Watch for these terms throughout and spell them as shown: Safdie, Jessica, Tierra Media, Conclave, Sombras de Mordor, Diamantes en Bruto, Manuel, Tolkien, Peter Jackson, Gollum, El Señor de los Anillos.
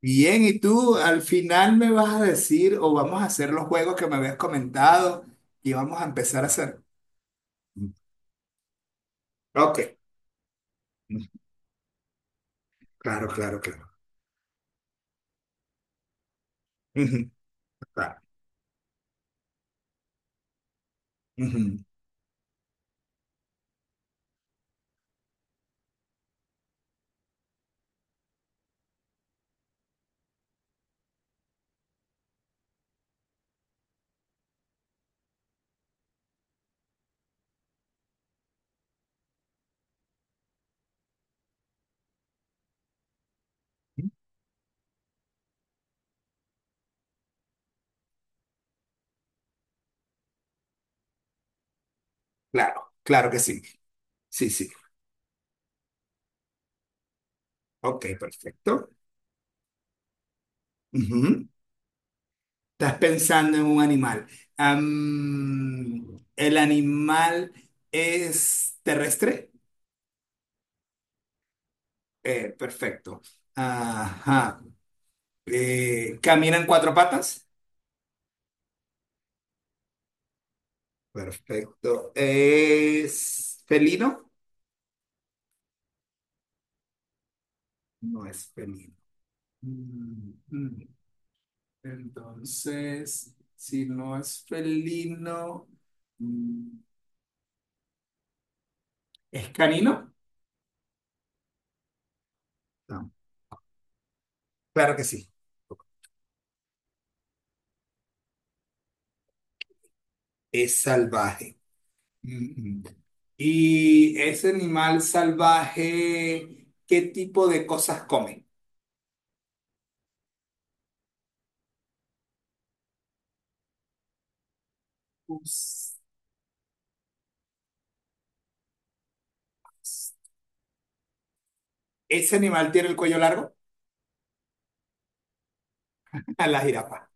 Bien, y tú al final me vas a decir o vamos a hacer los juegos que me habías comentado y vamos a empezar a hacer. Ok, claro, claro, claro. Ujú, claro, ujú. Claro, claro que sí. Sí, sí. Ok, perfecto. Ujú. Estás pensando en un animal. ¿El animal es terrestre? Perfecto. Ajá. ¿Camina en cuatro patas? Perfecto. ¿Es felino? No es felino. Mm, mm. Entonces, si no es felino, mm, ¿es canino? No. Claro que sí. Es salvaje. Mm, mm. ¿Y ese animal salvaje, qué tipo de cosas come? Pues, ¿ese animal tiene el cuello largo? A la jirafa.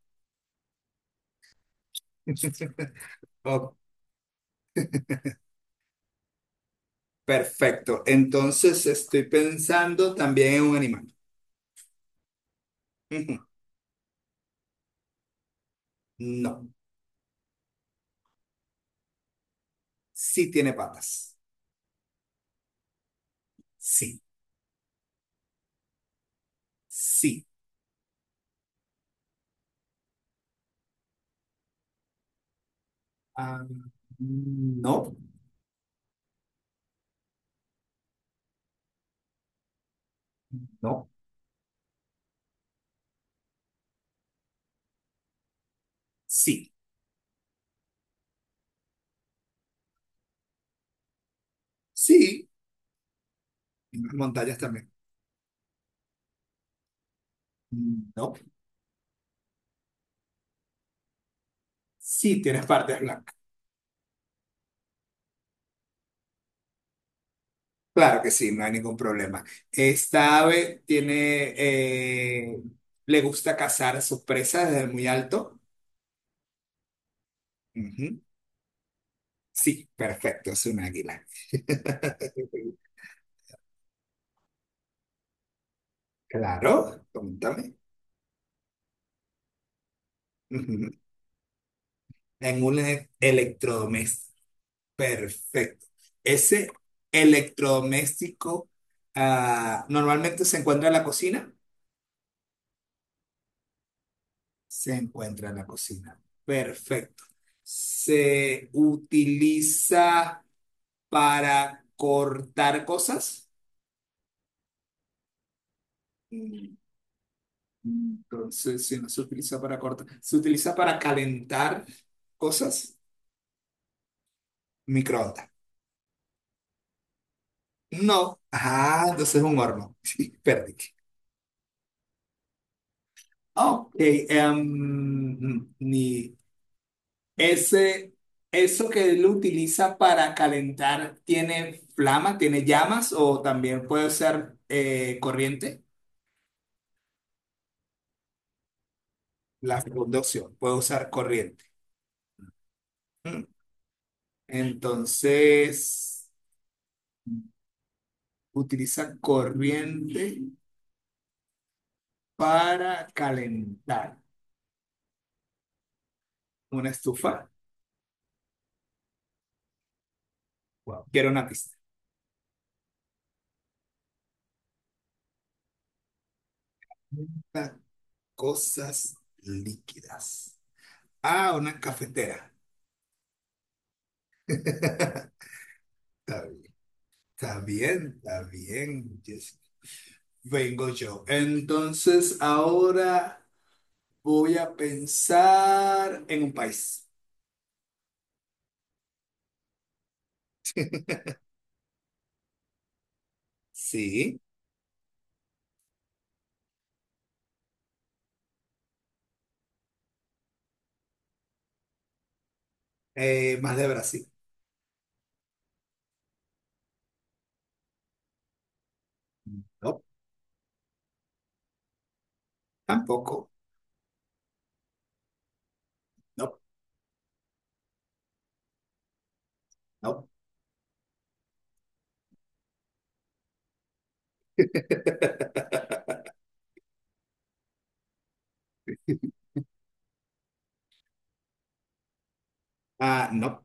Ok. Perfecto. Entonces estoy pensando también en un animal. Ujú. No. Sí tiene patas. Sí. Sí. Ah, no. No. Sí. Sí. En las montañas también. No. Sí tienes partes blancas. Claro que sí, no hay ningún problema. Esta ave tiene, le gusta cazar a sus presas desde muy alto. Ujú. Sí, perfecto, es un águila. Claro, pregúntame. Ujú. En un electrodoméstico. Perfecto. Ese electrodoméstico normalmente se encuentra en la cocina. Se encuentra en la cocina. Perfecto. Se utiliza para cortar cosas. Mm. Entonces, si no se utiliza para cortar, se utiliza para calentar cosas. Microondas. No. Ah, entonces es un horno. Sí, perdí. Ok, ni ese, eso que él utiliza para calentar, tiene llamas o también puede ser corriente? La segunda opción, puede usar corriente. Mm. Entonces, utiliza corriente para calentar una estufa. Wow. Quiero una pista. Calienta cosas líquidas. Ah, una cafetera. Está bien. Está bien, está bien. Jessica. Vengo yo. Entonces, ahora voy a pensar en un país. Sí, más de Brasil. No, tampoco. No, no. Ah, no.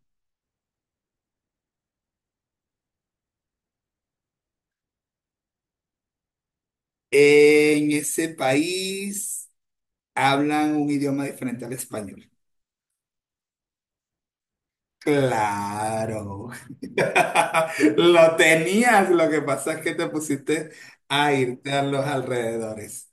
En ese país hablan un idioma diferente al español. Claro. Lo tenías, lo que pasa es que te pusiste a irte a los alrededores.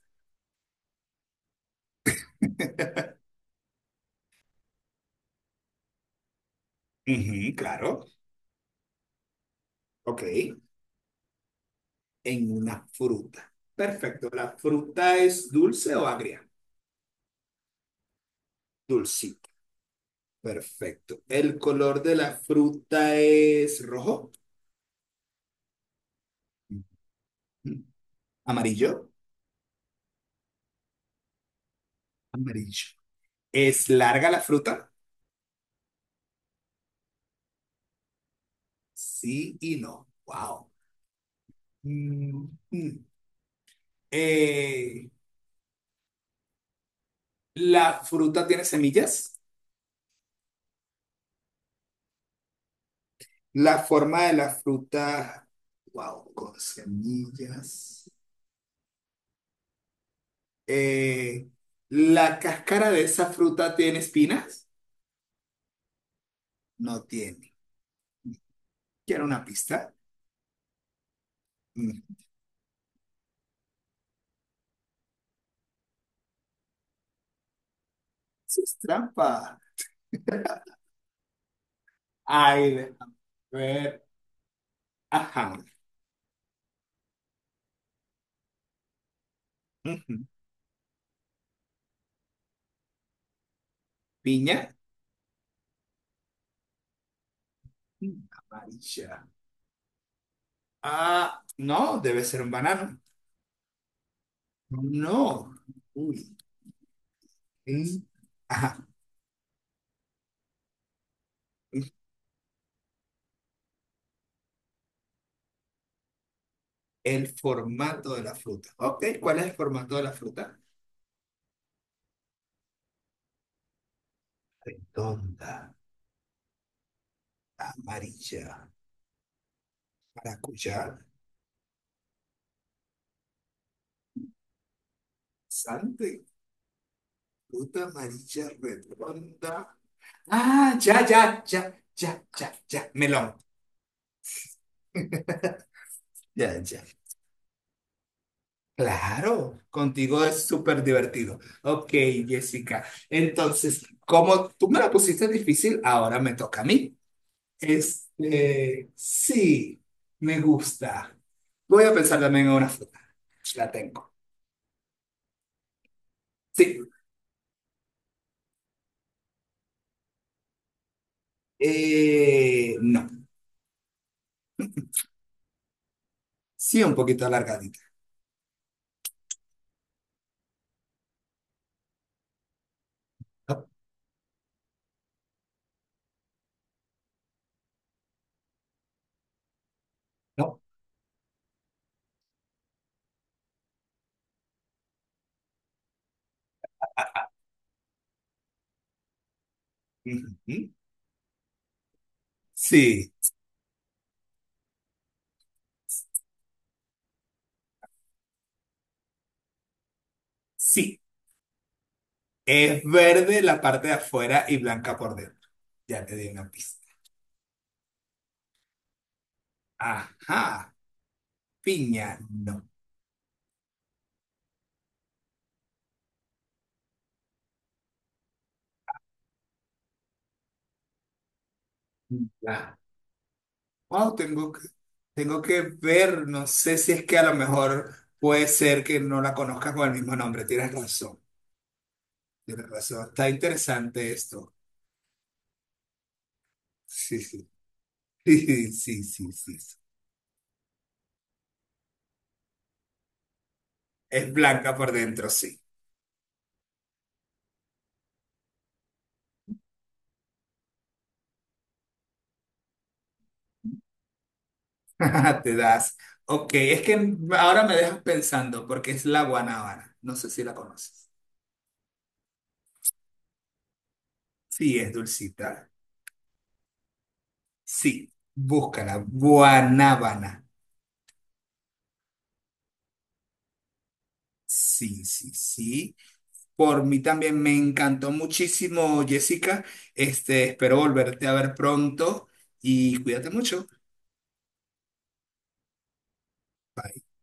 Ujú, claro. Ok. En una fruta. Perfecto. ¿La fruta es dulce o agria? Dulcita. Perfecto. ¿El color de la fruta es rojo? Ujú. ¿Amarillo? Amarillo. ¿Es larga la fruta? Sí y no. Wow. Mm, mm. Eh, ¿La fruta tiene semillas? La forma de la fruta. Wow, con semillas. eh, ¿La cáscara de esa fruta tiene espinas? No tiene. ¿Quiero una pista? Mm, Eso es trampa. Ay, déjame ver. Ajá. Ujú. ¿Piña? Amarilla. Ah, no, debe ser un banano. No. Uy. Mm, ajá. El formato de la fruta. Ok, ¿cuál es el formato de la fruta? Redonda, amarilla, maracuyá, sante, fruta amarilla redonda. Ah, ya, ya, ya, ya, ya, ya. Melón. Ya, ya. Claro, contigo es súper divertido. Ok, Jessica. Entonces, como tú me la pusiste difícil, ahora me toca a mí. Este, sí, me gusta. Voy a pensar también en una fruta. La tengo. Sí. No. Sí, un poquito alargadita. No, no. Ujú. Sí, sí. Es verde la parte de afuera y blanca por dentro. Ya te di una pista. Ajá, piña, no. Ya. Wow, tengo que ver, no sé si es que a lo mejor puede ser que no la conozcas con el mismo nombre. Tienes razón, tienes razón. Está interesante esto. Sí, sí, sí, sí, sí, sí. Sí. Es blanca por dentro, sí. Te das. Ok, es que ahora me dejas pensando porque es la guanábana. No sé si la conoces. Sí, es dulcita. Sí, búscala, guanábana. Sí, sí, sí. Por mí también me encantó muchísimo, Jessica. Este, espero volverte a ver pronto y cuídate mucho. Bye.